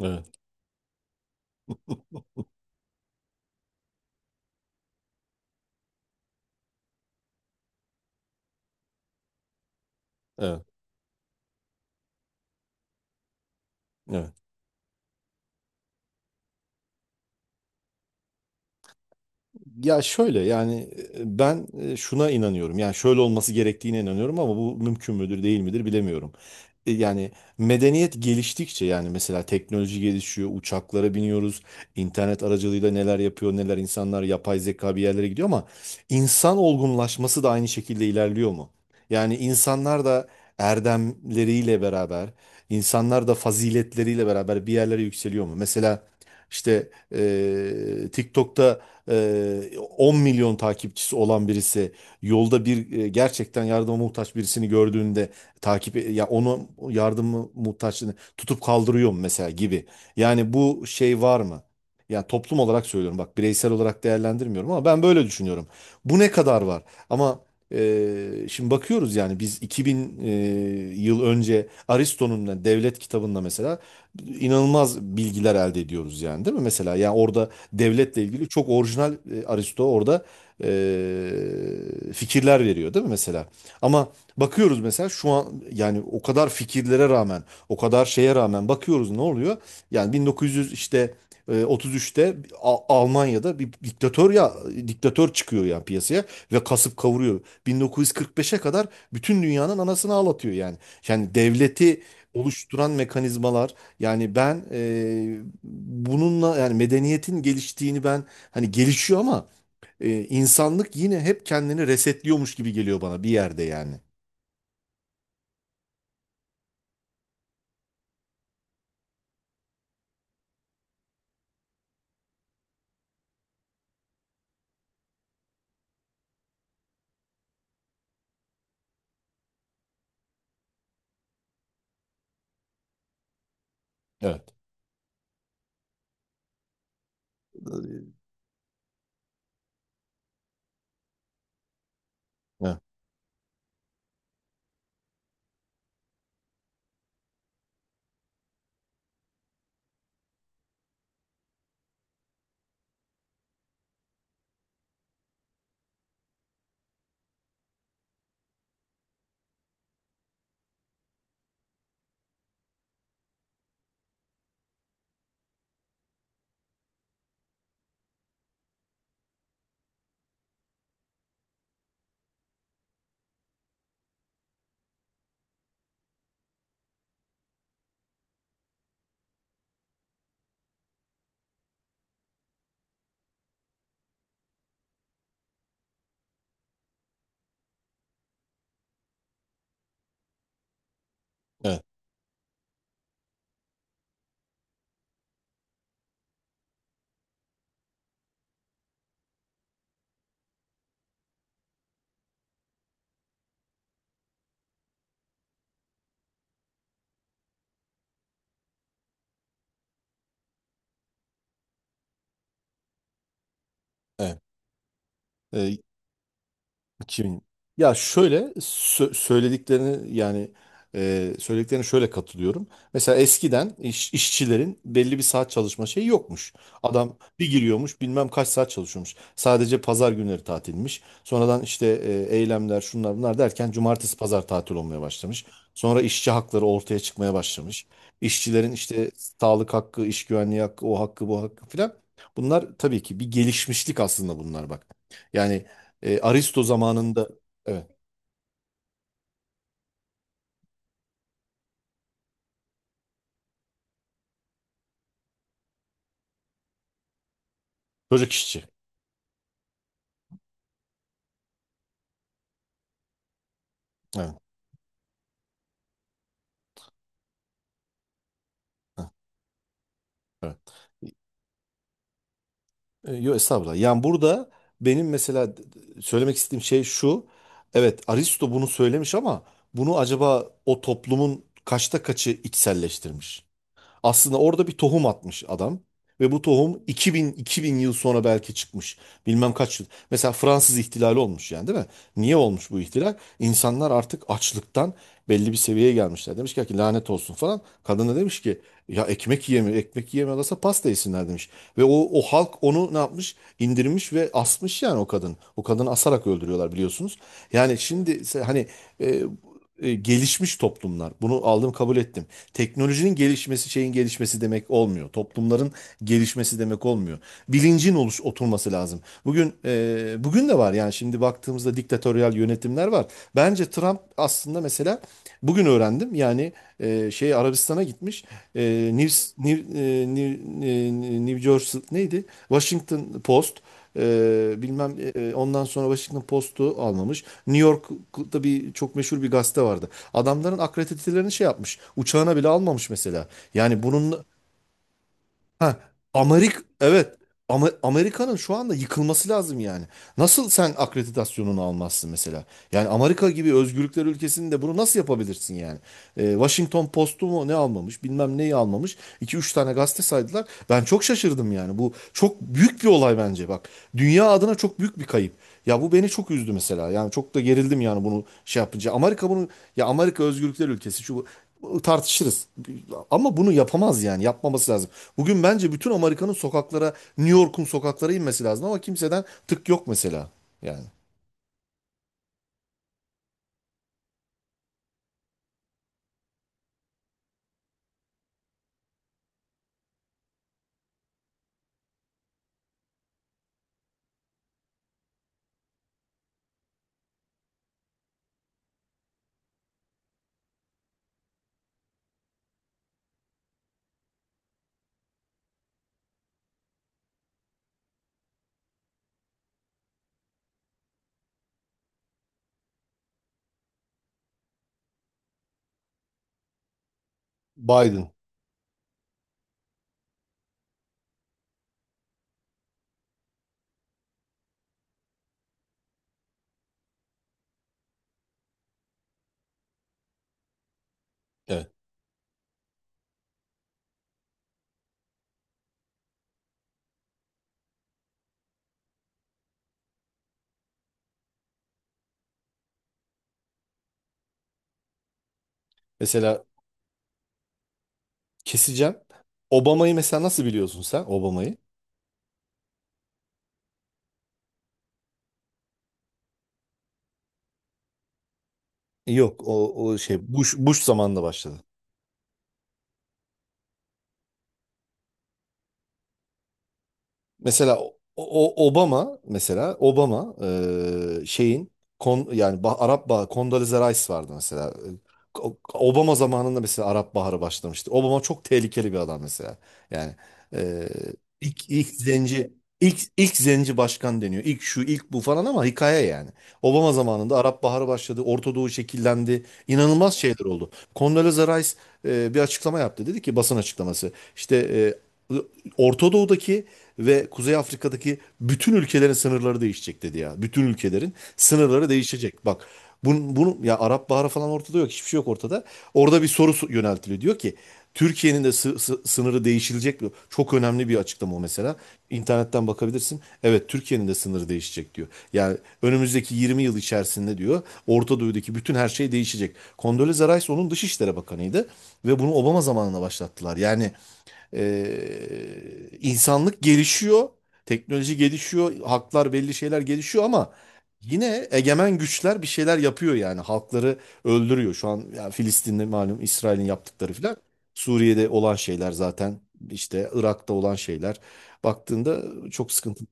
Evet. Evet. Evet. Ya şöyle yani ben şuna inanıyorum. Yani şöyle olması gerektiğine inanıyorum ama bu mümkün müdür değil midir bilemiyorum. Yani medeniyet geliştikçe yani mesela teknoloji gelişiyor, uçaklara biniyoruz, internet aracılığıyla neler yapıyor, neler insanlar yapay zeka bir yerlere gidiyor ama insan olgunlaşması da aynı şekilde ilerliyor mu? Yani insanlar da erdemleriyle beraber, insanlar da faziletleriyle beraber bir yerlere yükseliyor mu? Mesela işte TikTok'ta e, 10 milyon takipçisi olan birisi yolda bir gerçekten yardıma muhtaç birisini gördüğünde takip ya onu yardımı muhtaçlığını tutup kaldırıyor mu mesela gibi. Yani bu şey var mı? Yani toplum olarak söylüyorum bak bireysel olarak değerlendirmiyorum ama ben böyle düşünüyorum. Bu ne kadar var? Ama şimdi bakıyoruz yani biz 2000 yıl önce Aristo'nun da devlet kitabında mesela inanılmaz bilgiler elde ediyoruz yani değil mi? Mesela yani orada devletle ilgili çok orijinal Aristo orada e, fikirler veriyor değil mi mesela? Ama bakıyoruz mesela şu an yani o kadar fikirlere rağmen, o kadar şeye rağmen bakıyoruz ne oluyor? Yani 1900 işte 33'te Almanya'da bir diktatör ya diktatör çıkıyor yani piyasaya ve kasıp kavuruyor. 1945'e kadar bütün dünyanın anasını ağlatıyor yani. Yani devleti oluşturan mekanizmalar, yani ben bununla yani medeniyetin geliştiğini ben hani gelişiyor ama insanlık yine hep kendini resetliyormuş gibi geliyor bana bir yerde yani. Evet. Evet. Evet. Evet. E, 2000. Ya şöyle söylediklerini yani söylediklerine şöyle katılıyorum. Mesela eskiden işçilerin belli bir saat çalışma şeyi yokmuş. Adam bir giriyormuş bilmem kaç saat çalışıyormuş. Sadece pazar günleri tatilmiş. Sonradan işte eylemler şunlar bunlar derken cumartesi pazar tatil olmaya başlamış. Sonra işçi hakları ortaya çıkmaya başlamış. İşçilerin işte sağlık hakkı, iş güvenliği hakkı, o hakkı, bu hakkı filan. Bunlar tabii ki bir gelişmişlik aslında bunlar bak. Yani Aristo zamanında evet böcek işçi. Evet. Ha, evet. Yo estağfurullah. Yani burada benim mesela söylemek istediğim şey şu. Evet Aristo bunu söylemiş ama bunu acaba o toplumun kaçta kaçı içselleştirmiş? Aslında orada bir tohum atmış adam. Ve bu tohum 2000, 2000 yıl sonra belki çıkmış. Bilmem kaç yıl. Mesela Fransız ihtilali olmuş yani değil mi? Niye olmuş bu ihtilal? İnsanlar artık açlıktan belli bir seviyeye gelmişler. Demiş ki lanet olsun falan. Kadın da demiş ki ya ekmek yiyemiyor. Ekmek yiyemiyorlarsa pasta yesinler demiş. Ve o halk onu ne yapmış? İndirmiş ve asmış yani o kadın. O kadını asarak öldürüyorlar biliyorsunuz. Yani şimdi hani e, gelişmiş toplumlar. Bunu aldım kabul ettim. Teknolojinin gelişmesi şeyin gelişmesi demek olmuyor. Toplumların gelişmesi demek olmuyor. Bilincin oluş oturması lazım. Bugün de var yani şimdi baktığımızda diktatöryal yönetimler var. Bence Trump aslında mesela bugün öğrendim yani şey Arabistan'a gitmiş. E, News- New, e, New, e, New Jersey neydi? Washington Post bilmem ondan sonra Washington Post'u almamış. New York'ta bir çok meşhur bir gazete vardı. Adamların akreditelerini şey yapmış. Uçağına bile almamış mesela. Yani bunun. Ha, Amerik evet. Ama Amerika'nın şu anda yıkılması lazım yani. Nasıl sen akreditasyonunu almazsın mesela? Yani Amerika gibi özgürlükler ülkesinde bunu nasıl yapabilirsin yani? Washington Post'u mu ne almamış, bilmem neyi almamış. İki üç tane gazete saydılar. Ben çok şaşırdım yani. Bu çok büyük bir olay bence bak. Dünya adına çok büyük bir kayıp. Ya bu beni çok üzdü mesela. Yani çok da gerildim yani bunu şey yapınca. Amerika bunu ya Amerika özgürlükler ülkesi şu bu tartışırız. Ama bunu yapamaz yani. Yapmaması lazım. Bugün bence bütün Amerika'nın sokaklara, New York'un sokaklara inmesi lazım ama kimseden tık yok mesela. Yani Biden. Evet. Mesela keseceğim. Obama'yı mesela nasıl biliyorsun sen Obama'yı? Yok o şey Bush zamanında başladı. Mesela Obama mesela Obama şeyin yani Arap Baharı Condoleezza Rice vardı mesela. Obama zamanında mesela Arap Baharı başlamıştı. Obama çok tehlikeli bir adam mesela. Yani eee, ilk, ilk zenci ilk zenci başkan deniyor. İlk şu ilk bu falan ama hikaye yani. Obama zamanında Arap Baharı başladı. Orta Doğu şekillendi. İnanılmaz şeyler oldu. Condoleezza Rice bir açıklama yaptı. Dedi ki basın açıklaması. İşte Orta Doğu'daki ve Kuzey Afrika'daki bütün ülkelerin sınırları değişecek dedi ya. Bütün ülkelerin sınırları değişecek. Bak bunun ya Arap Baharı falan ortada yok. Hiçbir şey yok ortada. Orada bir soru yöneltiliyor. Diyor ki Türkiye'nin de sınırı değişilecek mi? Çok önemli bir açıklama o mesela. İnternetten bakabilirsin. Evet Türkiye'nin de sınırı değişecek diyor. Yani önümüzdeki 20 yıl içerisinde diyor Orta Doğu'daki bütün her şey değişecek. Condoleezza Rice onun Dışişleri Bakanıydı ve bunu Obama zamanında başlattılar. Yani insanlık gelişiyor, teknoloji gelişiyor, haklar belli şeyler gelişiyor ama yine egemen güçler bir şeyler yapıyor yani halkları öldürüyor. Şu an yani Filistin'de malum İsrail'in yaptıkları filan. Suriye'de olan şeyler zaten işte Irak'ta olan şeyler baktığında çok sıkıntı.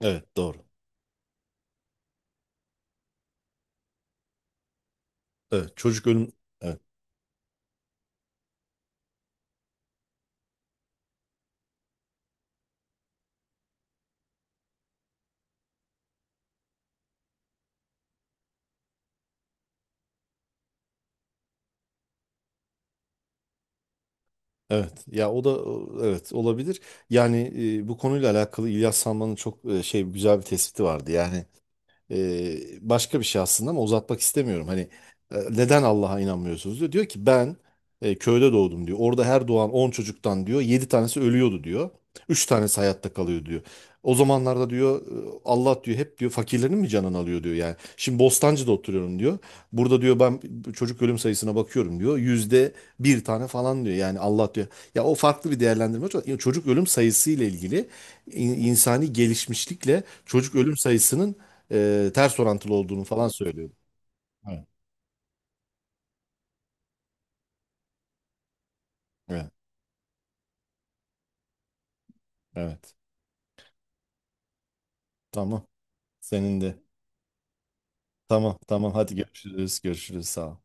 Evet doğru. Evet çocuk ölüm. Evet, evet. Ya o da evet olabilir. Yani bu konuyla alakalı İlyas Salman'ın çok şey güzel bir tespiti vardı. Yani Ee, başka bir şey aslında ama uzatmak istemiyorum. Hani neden Allah'a inanmıyorsunuz diyor. Diyor ki ben köyde doğdum diyor. Orada her doğan 10 çocuktan diyor 7 tanesi ölüyordu diyor. 3 tanesi hayatta kalıyor diyor. O zamanlarda diyor Allah diyor hep diyor fakirlerin mi canını alıyor diyor yani. Şimdi Bostancı'da oturuyorum diyor. Burada diyor ben çocuk ölüm sayısına bakıyorum diyor. %1 tane falan diyor. Yani Allah diyor. Ya o farklı bir değerlendirme. Çocuk ölüm sayısı ile ilgili insani gelişmişlikle çocuk ölüm sayısının ters orantılı olduğunu falan söylüyordu. Evet, evet, evet. Tamam. Senin de. Tamam, tamam. Hadi görüşürüz, görüşürüz. Sağ ol.